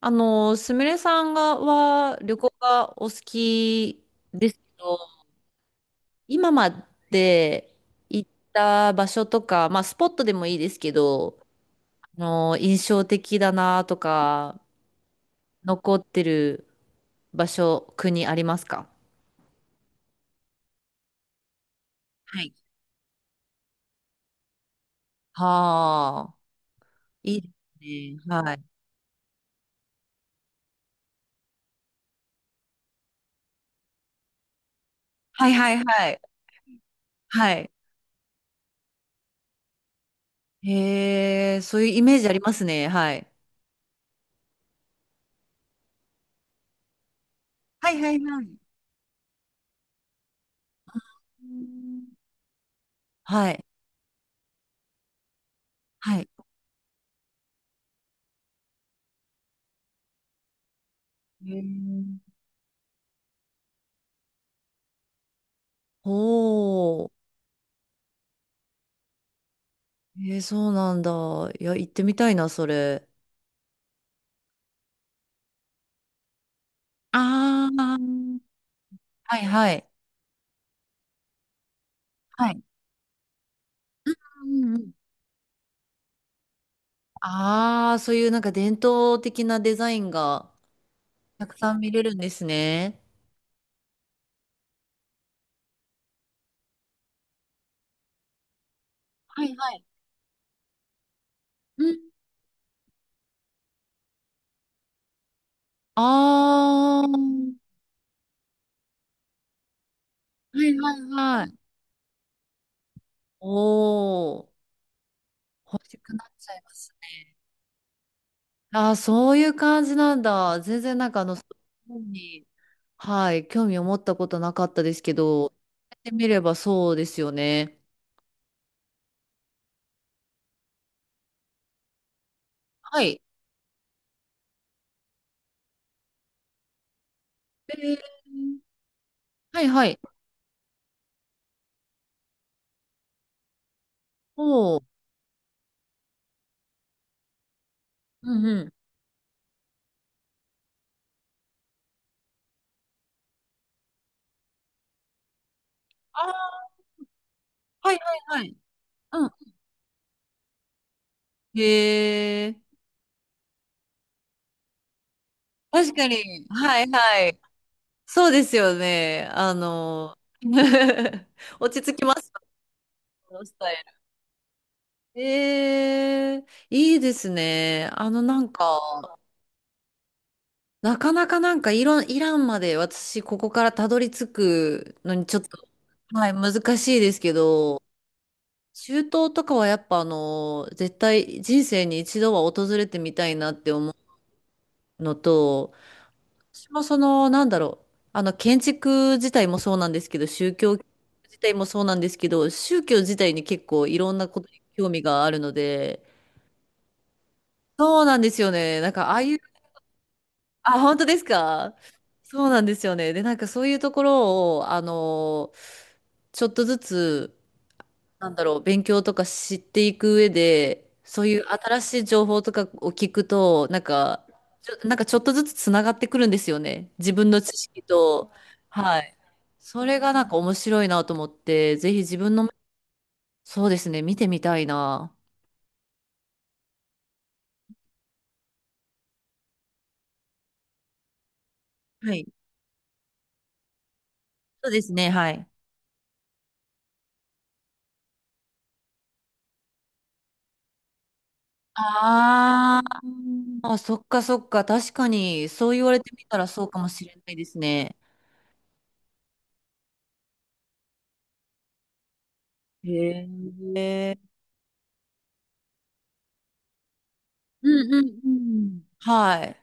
すみれさんがは旅行がお好きですけど、今まで行った場所とか、まあスポットでもいいですけど、印象的だなとか、残ってる場所、国ありますか？はい。はあ、いいですね。はい。はいはいはい。はい。へえ、そういうイメージありますね。はい。はいはいはい。うん。はい。はい。へえ。おう。えー、そうなんだ。いや、行ってみたいな、それ。あー、はいはい。はい。うんうん。ああ、そういうなんか伝統的なデザインがたくさん見れるんですね。はいはい。うん。ああ、はいはいはい。おお、欲しくなっちゃいますね。ああ、そういう感じなんだ。全然そういうのに、はい、興味を持ったことなかったですけど、やってみればそうですよね。はい。えー、はいはい。おー。うんうん。ああ、はいはいはい。うん。へえ。確かに。はいはい。そうですよね。落ち着きます。このスタイル。ええ、いいですね。なかなかイラン、イランまで私、ここからたどり着くのにちょっと、はい、難しいですけど、中東とかはやっぱ絶対人生に一度は訪れてみたいなって思うのと、私もその、なんだろう、建築自体もそうなんですけど、宗教自体もそうなんですけど、宗教自体に結構いろんなことに興味があるので、そうなんですよね。なんかああいう、あ、本当ですか？そうなんですよね。で、なんかそういうところを、ちょっとずつ、なんだろう、勉強とか知っていく上で、そういう新しい情報とかを聞くと、なんか、なんかちょっとずつつながってくるんですよね。自分の知識と。はい。それがなんか面白いなと思って、ぜひ自分の、そうですね、見てみたいな。はい。そうですね、はい。あーあ、そっかそっか、確かに、そう言われてみたらそうかもしれないですね。へえ。うんうんうん。はい。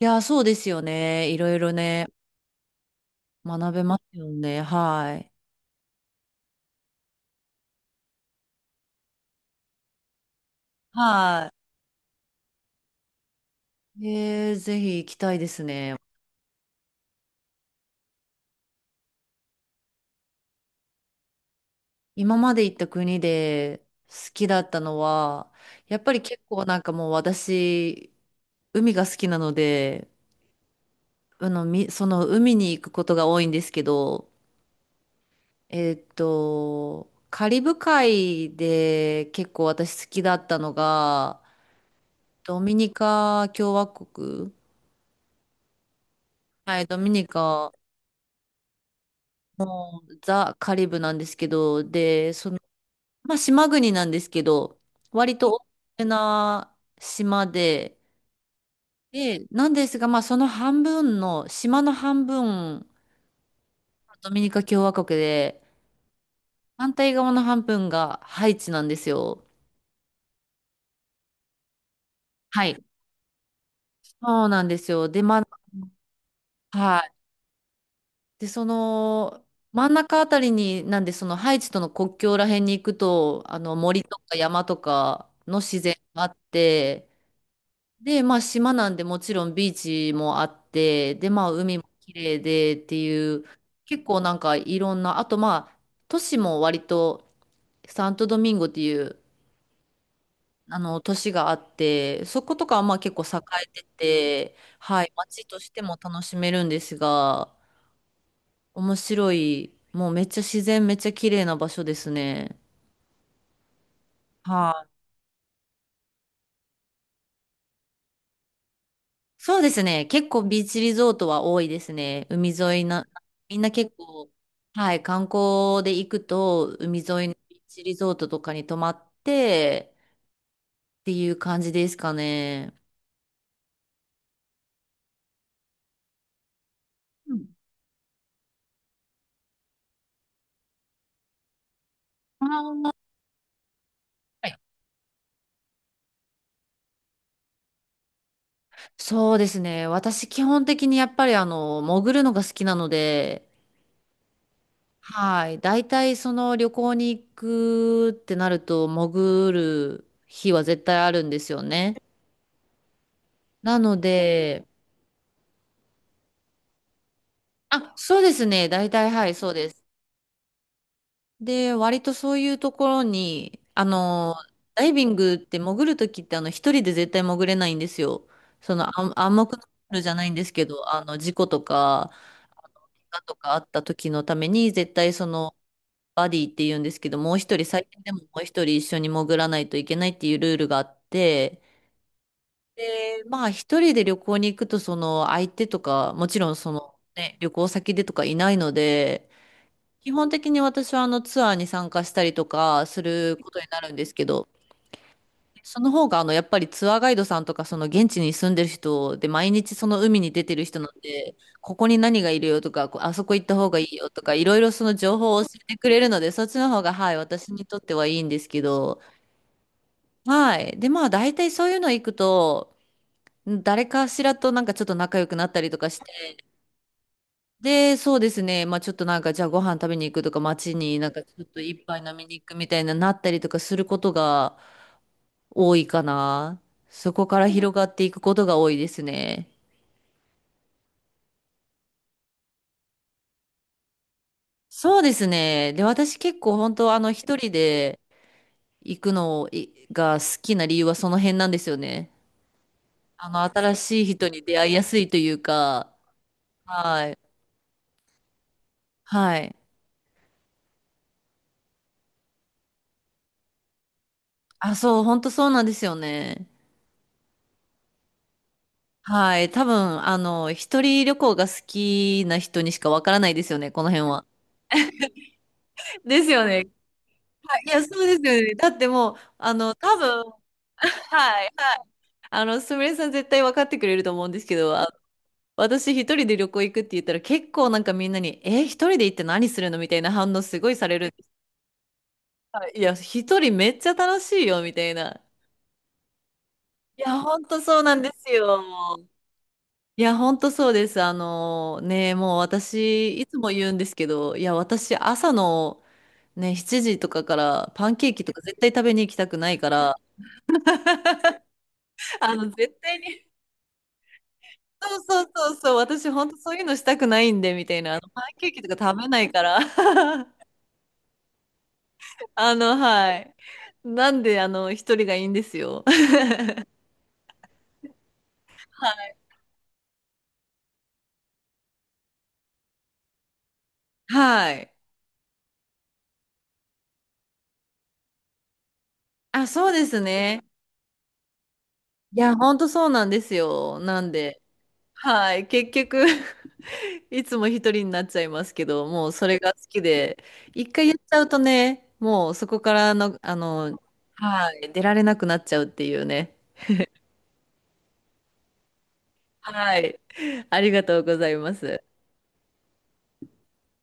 いや、そうですよね。いろいろね、学べますよね。はい。はい。えー、ぜひ行きたいですね。今まで行った国で好きだったのは、やっぱり結構なんかもう私、海が好きなので、その海に行くことが多いんですけど、えーっと、カリブ海で結構私好きだったのが、ドミニカ共和国。はい、ドミニカ、ザ・カリブなんですけど、で、その、まあ、島国なんですけど、割と大きな島で、で、なんですが、まあ、その半分の、島の半分、ドミニカ共和国で、反対側の半分がハイチなんですよ。はい。そうなんですよ。で、まあ、はい。で、その、真ん中あたりに、なんで、そのハイチとの国境ら辺に行くと、森とか山とかの自然があって、で、まあ島なんでもちろんビーチもあって、で、まあ海も綺麗でっていう、結構なんかいろんな、あとまあ都市も割と、サントドミンゴっていうあの都市があって、そことかはまあ結構栄えてて、はい、街としても楽しめるんですが、面白い、もうめっちゃ自然めっちゃ綺麗な場所ですね。はい。そうですね。結構ビーチリゾートは多いですね。海沿いな、みんな結構、はい、観光で行くと、海沿いのビーチリゾートとかに泊まって、っていう感じですかね。うん。あー、はい。そうですね。私、基本的にやっぱり潜るのが好きなので、はい。大体その旅行に行くってなると、潜る日は絶対あるんですよね。なので、あ、そうですね。大体、はい、そうです。で、割とそういうところに、ダイビングって潜るときってあの一人で絶対潜れないんですよ。その暗黙のルールじゃないんですけど、あの事故とか、怪我とかあった時のために絶対そのバディって言うんですけど、もう一人、最低でももう一人一緒に潜らないといけないっていうルールがあって、で、まあ一人で旅行に行くとその相手とか、もちろんそのね、旅行先でとかいないので、基本的に私はあのツアーに参加したりとかすることになるんですけど、その方があのやっぱりツアーガイドさんとかその現地に住んでる人で毎日その海に出てる人なんで、ここに何がいるよとか、あそこ行った方がいいよとか、いろいろその情報を教えてくれるので、そっちの方がはい、私にとってはいいんですけど、はい。で、まあ大体そういうの行くと、誰かしらとなんかちょっと仲良くなったりとかしで、そうですね。まあちょっとなんか、じゃあご飯食べに行くとか、街になんかちょっと一杯飲みに行くみたいななったりとかすることが多いかな。そこから広がっていくことが多いですね。そうですね。で、私結構本当一人で行くのが好きな理由はその辺なんですよね。新しい人に出会いやすいというか、はい。はい。あ、そう、本当そうなんですよね。はい。多分、一人旅行が好きな人にしかわからないですよね、この辺は。ですよね。あいや、そうですよね。だってもう、多分、はい。すみれさん絶対分かってくれると思うんですけど、私一人で旅行行くって言ったら結構なんかみんなに、え、一人で行って何するのみたいな反応すごいされるんです。はいいや、一人めっちゃ楽しいよ、みたいな。いや、ほんとそうなんですよ。いや、ほんとそうです。あのね、もう私、いつも言うんですけど、いや、私、朝の、ね、7時とかからパンケーキとか絶対食べに行きたくないから、あの、絶対に、そうそうそうそう、私本当そういうのしたくないんで、みたいな、パンケーキとか食べないから、はい。なんで、一人がいいんですよ。はい。あ、そうですね。いや、本当そうなんですよ。なんで、はい。結局いつも一人になっちゃいますけど、もうそれが好きで、一回やっちゃうとね、もうそこからの、はい、出られなくなっちゃうっていうね。はい。ありがとうございます。